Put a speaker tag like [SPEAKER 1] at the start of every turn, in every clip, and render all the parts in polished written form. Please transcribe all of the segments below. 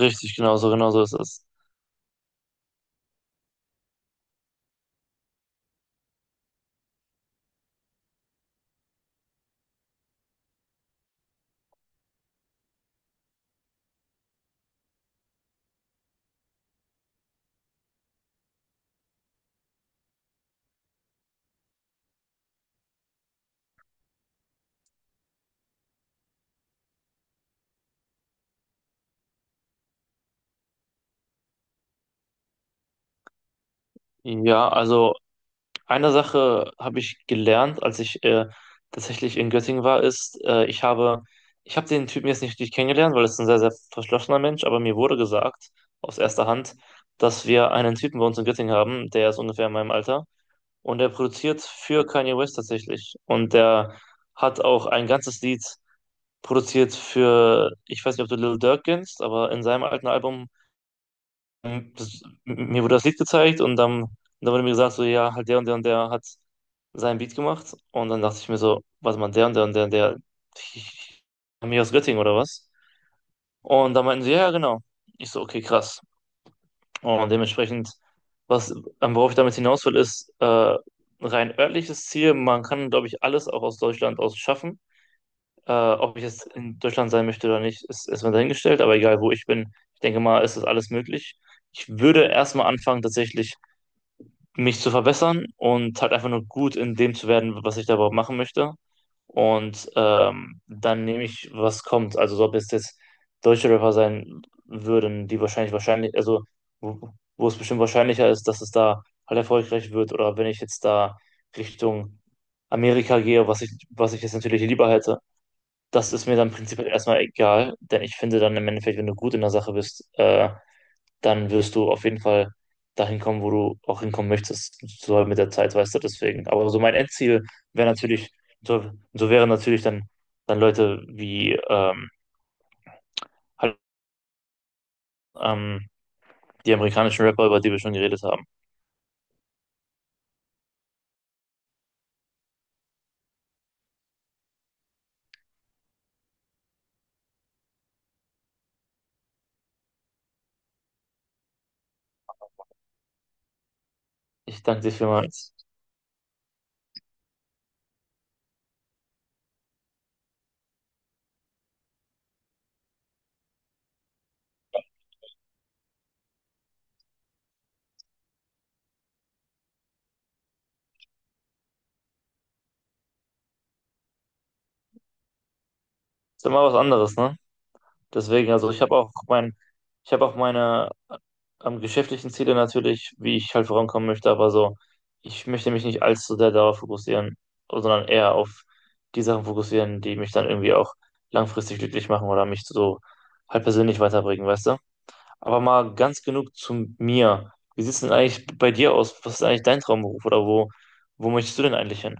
[SPEAKER 1] Richtig, genau so, genau so ist es. Ja, also eine Sache habe ich gelernt, als ich tatsächlich in Göttingen war, ist, ich habe den Typen jetzt nicht richtig kennengelernt, weil es ein sehr, sehr verschlossener Mensch, aber mir wurde gesagt, aus erster Hand, dass wir einen Typen bei uns in Göttingen haben, der ist ungefähr in meinem Alter und der produziert für Kanye West tatsächlich. Und der hat auch ein ganzes Lied produziert für, ich weiß nicht, ob du Lil Durk kennst, aber in seinem alten Album das, mir wurde das Lied gezeigt und dann, dann wurde mir gesagt, so, ja, halt der und der und der hat seinen Beat gemacht. Und dann dachte ich mir so, warte mal, der und der und der und der, haben mich aus Göttingen oder was? Und dann meinten sie, ja, ja, genau. Ich so, okay, krass. Und dementsprechend, was, worauf ich damit hinaus will, ist rein örtliches Ziel. Man kann, glaube ich, alles auch aus Deutschland aus schaffen. Ob ich jetzt in Deutschland sein möchte oder nicht, ist erstmal dahingestellt. Aber egal, wo ich bin, ich denke mal, ist das alles möglich. Ich würde erstmal anfangen, tatsächlich mich zu verbessern und halt einfach nur gut in dem zu werden, was ich da überhaupt machen möchte. Und dann nehme ich, was kommt. Also so, ob es jetzt deutsche Rapper sein würden, die wahrscheinlich, also wo, wo es bestimmt wahrscheinlicher ist, dass es da halt erfolgreich wird, oder wenn ich jetzt da Richtung Amerika gehe, was ich jetzt natürlich lieber hätte, das ist mir dann prinzipiell erstmal egal, denn ich finde dann im Endeffekt, wenn du gut in der Sache bist, dann wirst du auf jeden Fall dahin kommen, wo du auch hinkommen möchtest, so halt mit der Zeit, weißt du, deswegen. Aber so mein Endziel wäre natürlich, so, so wären natürlich dann, dann Leute wie halt, ähm, die amerikanischen Rapper, über die wir schon geredet haben. Ich danke dir vielmals. Ist immer was anderes, ne? Deswegen, also ich habe auch meine geschäftlichen Ziele natürlich, wie ich halt vorankommen möchte, aber so, ich möchte mich nicht allzu sehr darauf fokussieren, sondern eher auf die Sachen fokussieren, die mich dann irgendwie auch langfristig glücklich machen oder mich so halt persönlich weiterbringen, weißt du? Aber mal ganz genug zu mir. Wie sieht's denn eigentlich bei dir aus? Was ist eigentlich dein Traumberuf oder wo, wo möchtest du denn eigentlich hin?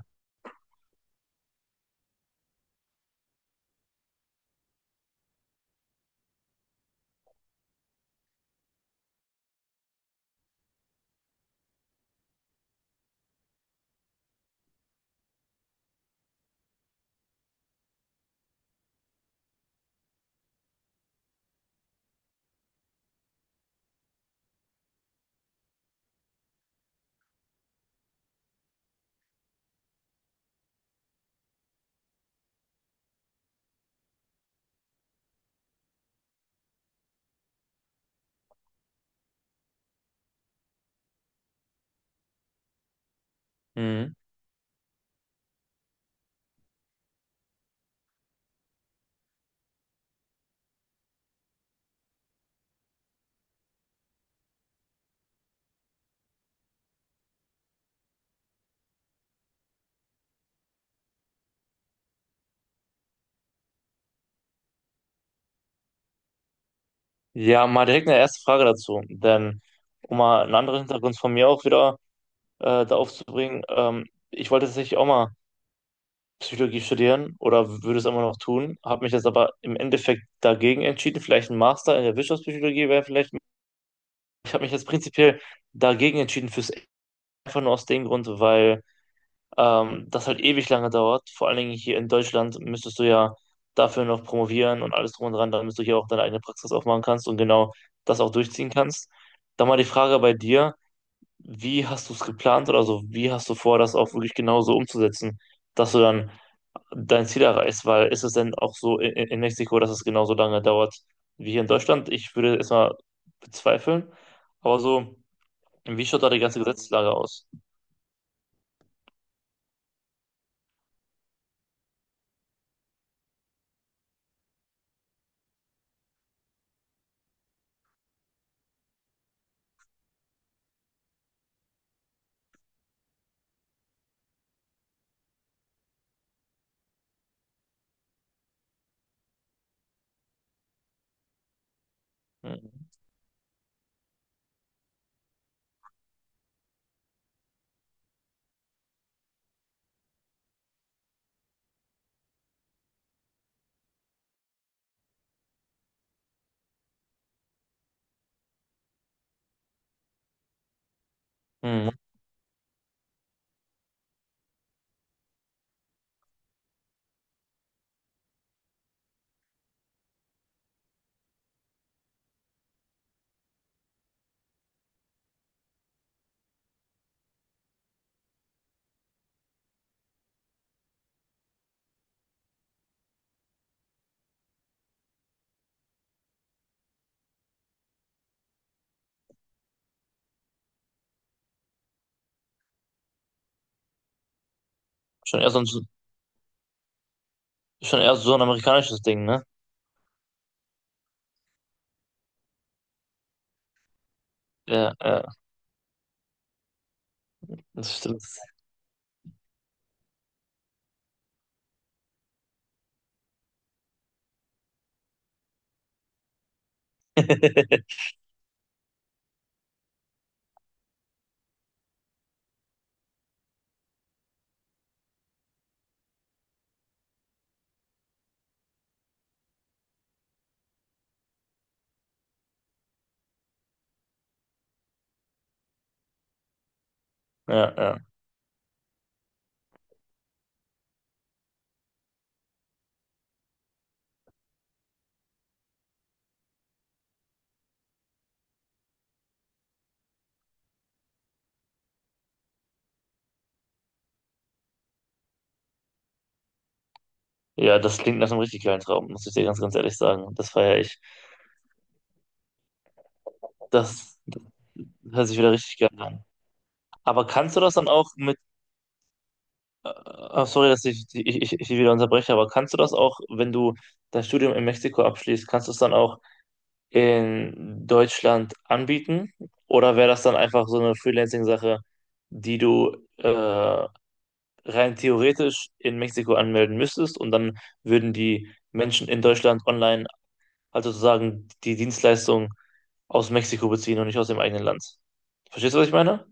[SPEAKER 1] Mhm. Ja, mal direkt eine erste Frage dazu, denn um mal einen anderen Hintergrund von mir auch wieder da aufzubringen. Ich wollte tatsächlich auch mal Psychologie studieren oder würde es immer noch tun, habe mich jetzt aber im Endeffekt dagegen entschieden. Vielleicht ein Master in der Wirtschaftspsychologie wäre vielleicht. Ich habe mich jetzt prinzipiell dagegen entschieden fürs einfach nur aus dem Grund, weil das halt ewig lange dauert. Vor allen Dingen hier in Deutschland müsstest du ja dafür noch promovieren und alles drum und dran, damit du hier auch deine eigene Praxis aufmachen kannst und genau das auch durchziehen kannst. Dann mal die Frage bei dir. Wie hast du es geplant oder so? Wie hast du vor, das auch wirklich genauso umzusetzen, dass du dann dein Ziel erreichst? Weil ist es denn auch so in Mexiko, dass es genauso lange dauert wie hier in Deutschland? Ich würde es mal bezweifeln. Aber so, wie schaut da die ganze Gesetzeslage aus? Mhm. Mhm. Schon eher so ein, schon eher so ein amerikanisches Ding, ne? Ja, ja, das stimmt. Ja, ja. Ja, das klingt nach einem richtig geilen Traum, muss ich dir ganz, ganz ehrlich sagen. Das feiere ich. Das, das hört sich wieder richtig geil an. Aber kannst du das dann auch mit, sorry, dass ich wieder unterbreche, aber kannst du das auch, wenn du dein Studium in Mexiko abschließt, kannst du es dann auch in Deutschland anbieten? Oder wäre das dann einfach so eine Freelancing-Sache, die du rein theoretisch in Mexiko anmelden müsstest und dann würden die Menschen in Deutschland online, also sozusagen die Dienstleistung aus Mexiko beziehen und nicht aus dem eigenen Land? Verstehst du, was ich meine?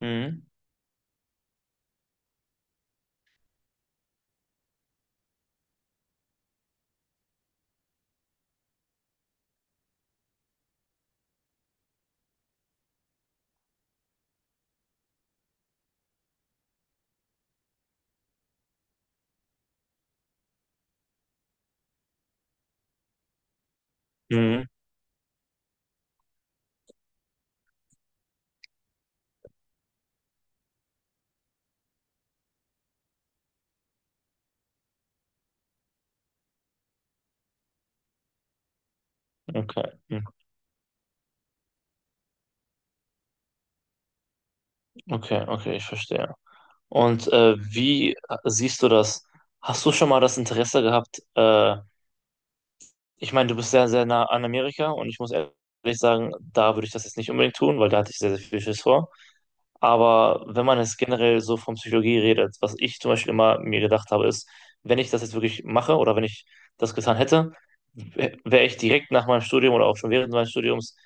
[SPEAKER 1] Mhm. Mhm. Okay. Mhm. Okay, okay, ich verstehe. Und wie siehst du das? Hast du schon mal das Interesse gehabt? Ich meine, du bist sehr, sehr nah an Amerika und ich muss ehrlich sagen, da würde ich das jetzt nicht unbedingt tun, weil da hatte ich sehr, sehr viel Schiss vor. Aber wenn man jetzt generell so von Psychologie redet, was ich zum Beispiel immer mir gedacht habe, ist, wenn ich das jetzt wirklich mache oder wenn ich das getan hätte, wäre ich direkt nach meinem Studium oder auch schon während meines Studiums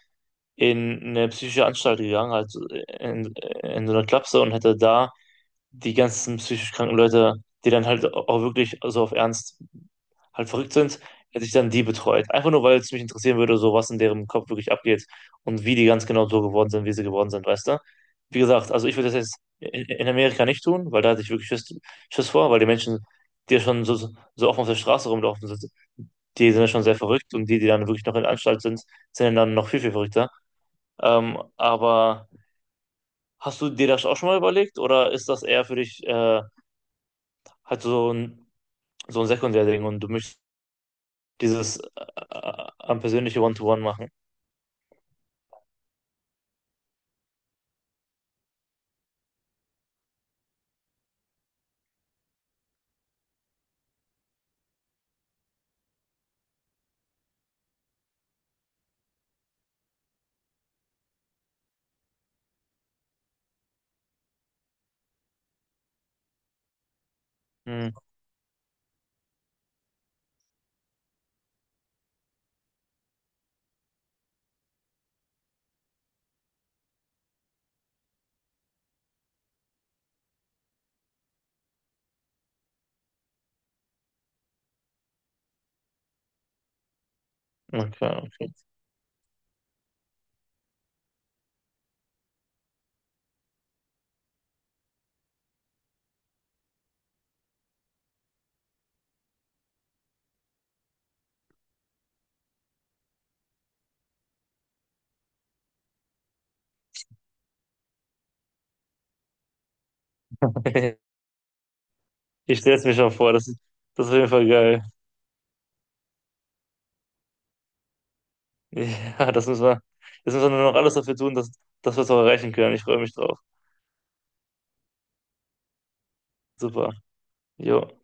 [SPEAKER 1] in eine psychische Anstalt gegangen, halt in, in so eine Klapse und hätte da die ganzen psychisch kranken Leute, die dann halt auch wirklich so auf Ernst halt verrückt sind, hätte ich dann die betreut. Einfach nur, weil es mich interessieren würde, so was in deren Kopf wirklich abgeht und wie die ganz genau so geworden sind, wie sie geworden sind, weißt du? Wie gesagt, also ich würde das jetzt in Amerika nicht tun, weil da hatte ich wirklich Schiss vor, weil die Menschen, die ja schon so, so offen auf der Straße rumlaufen sind, die sind ja schon sehr verrückt und die, die dann wirklich noch in der Anstalt sind, sind ja dann noch viel, viel verrückter. Aber hast du dir das auch schon mal überlegt oder ist das eher für dich halt so ein Sekundärding und du möchtest dieses am persönliche One-to-One machen. Hm, okay, okay. Ich stelle es mir schon vor, das, das ist auf jeden Fall geil. Ja, das müssen wir, jetzt müssen wir nur noch alles dafür tun, dass, dass wir es auch erreichen können. Ich freue mich drauf. Super. Jo.